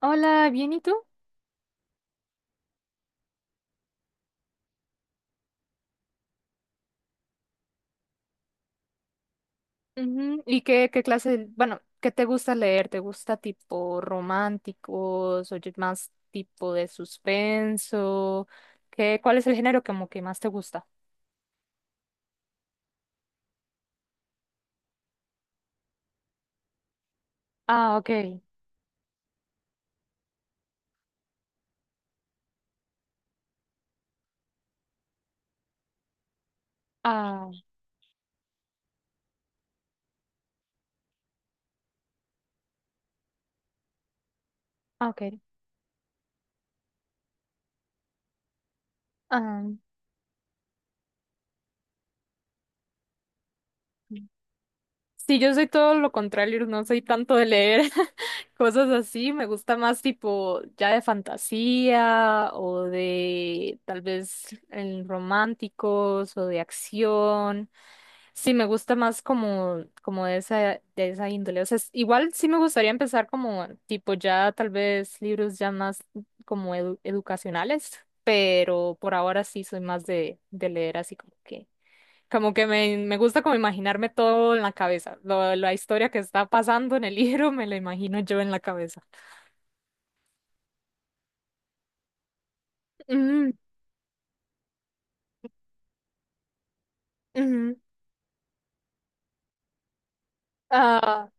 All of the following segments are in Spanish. Hola, ¿bien y tú? Ujú. ¿Y qué, qué te gusta leer? ¿Te gusta tipo románticos o más tipo de suspenso? ¿Cuál es el género como que más te gusta? Ah, ok. Ah, ah, ok. Ah, sí, yo soy todo lo contrario, no soy tanto de leer cosas así, me gusta más tipo ya de fantasía o de tal vez en románticos o de acción. Sí, me gusta más como de esa índole. O sea, igual sí me gustaría empezar como tipo ya tal vez libros ya más como educacionales, pero por ahora sí soy más de leer así como que me gusta como imaginarme todo en la cabeza. La historia que está pasando en el libro me la imagino yo en la cabeza. Mm, ujú. Ah,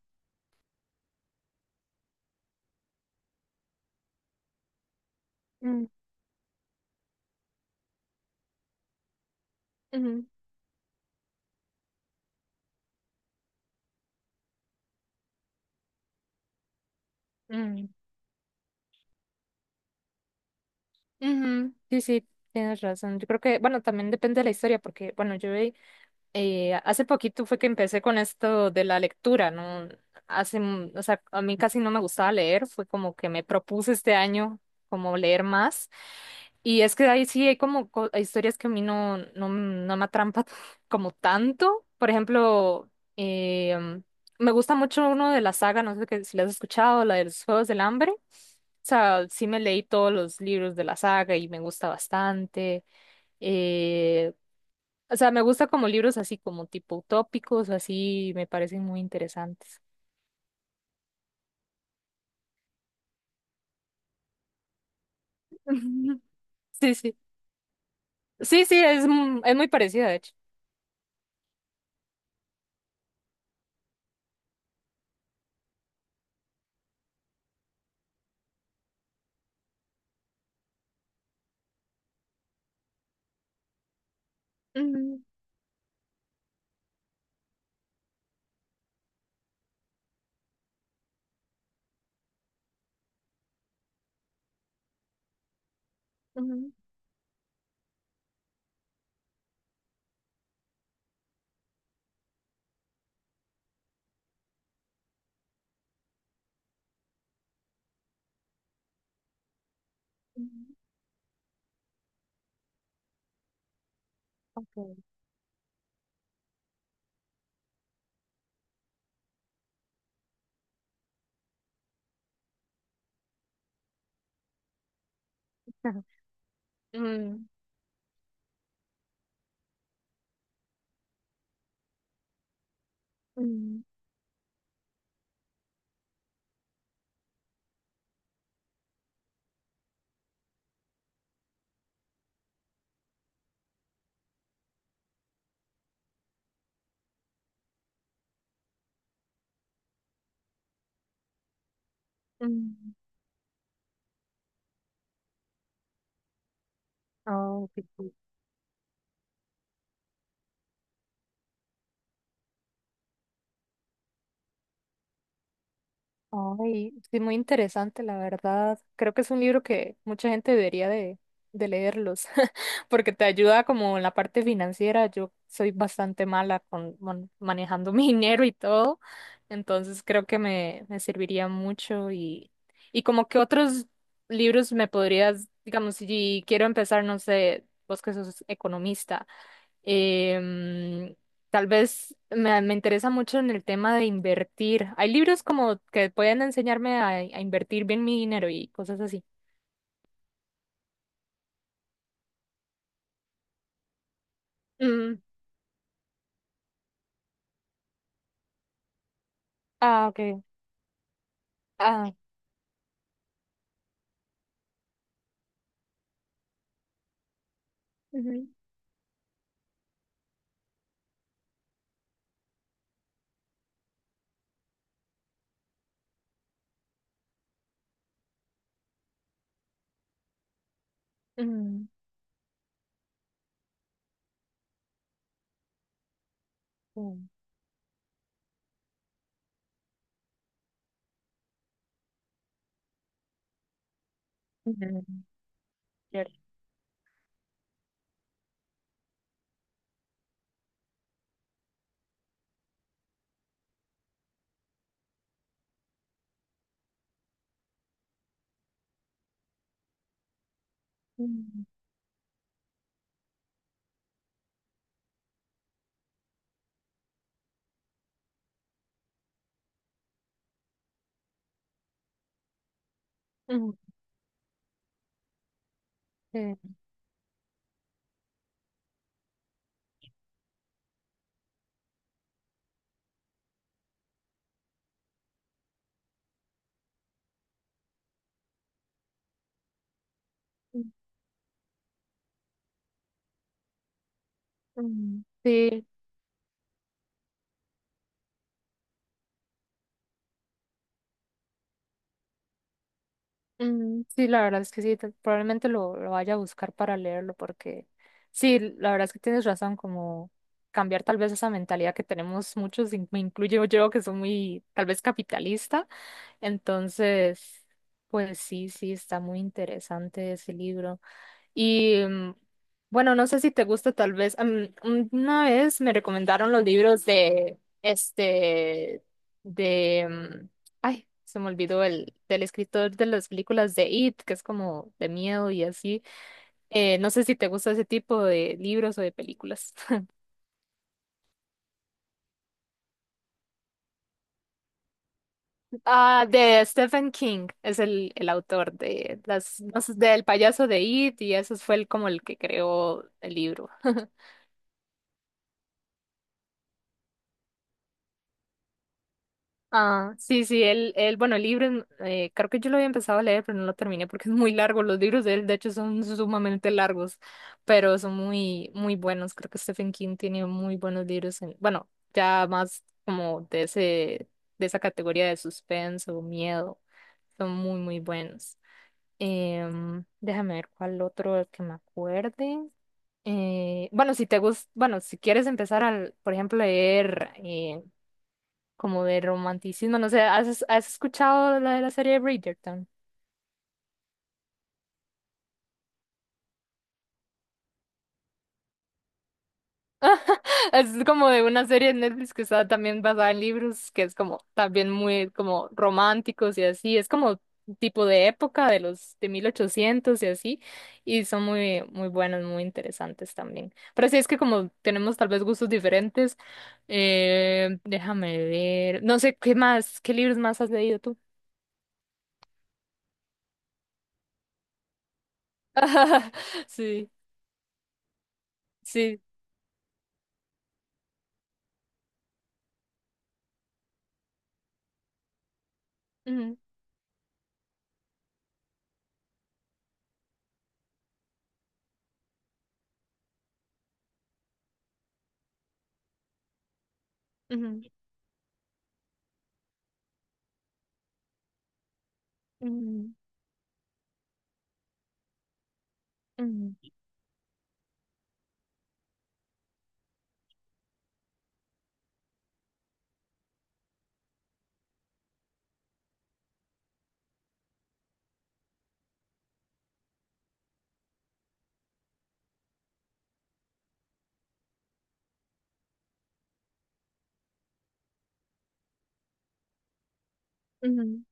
mm, ujú, mm, ujú. Sí, sí. Tienes razón. Yo creo que, bueno, también depende de la historia, porque, bueno, yo he hace poquito fue que empecé con esto de la lectura, ¿no? Hace, m- o sea, A mí casi no me gustaba leer, fue como que me propuse este año como leer más. Y es que ahí sí hay como hay historias que a mí no me atrampan como tanto. Por ejemplo, em, me gusta mucho uno de la saga, no sé si la has escuchado, la de los Juegos del Hambre. O sea, sí me leí todos los libros de la saga y me gusta bastante. Eh, o sea, me gusta como libros así como tipo utópicos, así me parecen muy interesantes. Ujú. Sí, sí. Es muy parecida, de hecho. Ujú, ujú, ujú. Okay. Ajá. Mm, mm, mm. Oh, ok. Ay, sí, muy interesante, la verdad. Creo que es un libro que mucha gente debería de leerlos, porque te ayuda como en la parte financiera. Yo soy bastante mala con manejando mi dinero y todo, entonces creo que me serviría mucho y como que otros libros me podrías, digamos, si quiero empezar, no sé, vos que sos economista. Em, Tal vez me interesa mucho en el tema de invertir. Hay libros como que pueden enseñarme a invertir bien mi dinero y cosas así. Mm, ah, okay. Ah, ujú, mm, mm, mm, cierto, mm, mm, eh, mm, mm, sí. Mm, sí, la verdad es que sí, probablemente lo vaya a buscar para leerlo porque sí, la verdad es que tienes razón, como cambiar tal vez esa mentalidad que tenemos muchos, me incluyo yo, que soy muy tal vez capitalista. Entonces, pues sí, sí, está muy interesante ese libro. Y mm, bueno, no sé si te gusta tal vez, una vez me recomendaron los libros de, este, de, mm, ay, se me olvidó del escritor de las películas de It, que es como de miedo y así. No sé si te gusta ese tipo de libros o de películas. Ah, de Stephen King, es el autor de las, no sé, del payaso de It y eso fue el, como el que creó el libro. Ah, sí, sí, él, bueno, el libro, creo que yo lo había empezado a leer, pero no lo terminé porque es muy largo. Los libros de él, de hecho, son sumamente largos, pero son muy, muy buenos. Creo que Stephen King tiene muy buenos libros, bueno, ya más como de ese, de esa categoría de suspenso, miedo, son muy, muy buenos. Déjame ver cuál otro que me acuerde. Bueno, si te gusta, bueno, si quieres empezar al, por ejemplo, leer como de romanticismo, no sé, has escuchado la de la serie Bridgerton? Es como de una serie de Netflix que está también basada en libros, que es como también muy como románticos y así, es como tipo de época de los de 1800 y así, y son muy muy buenos, muy interesantes también. Pero sí es que como tenemos tal vez gustos diferentes, déjame ver, no sé qué más, qué libros más has leído tú. Sí, sí. Ujú, ujú, ujú, ujú. Ujú,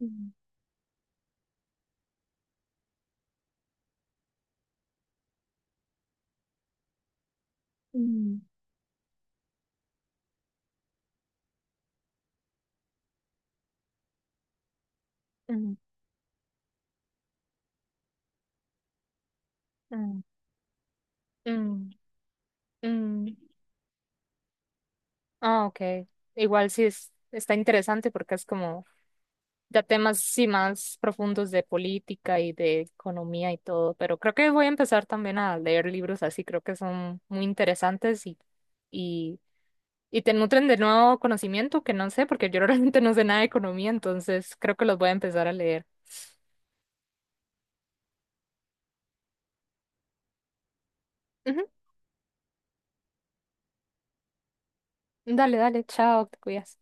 ujú, ujú, ujú, ujú, ujú, ujú. Ah, okay. Igual sí es, está interesante porque es como ya temas sí más profundos de política y de economía y todo, pero creo que voy a empezar también a leer libros así, creo que son muy interesantes y, y te nutren de nuevo conocimiento que no sé, porque yo realmente no sé nada de economía, entonces creo que los voy a empezar a leer. Ujú. Dale, dale, chao, te cuidas.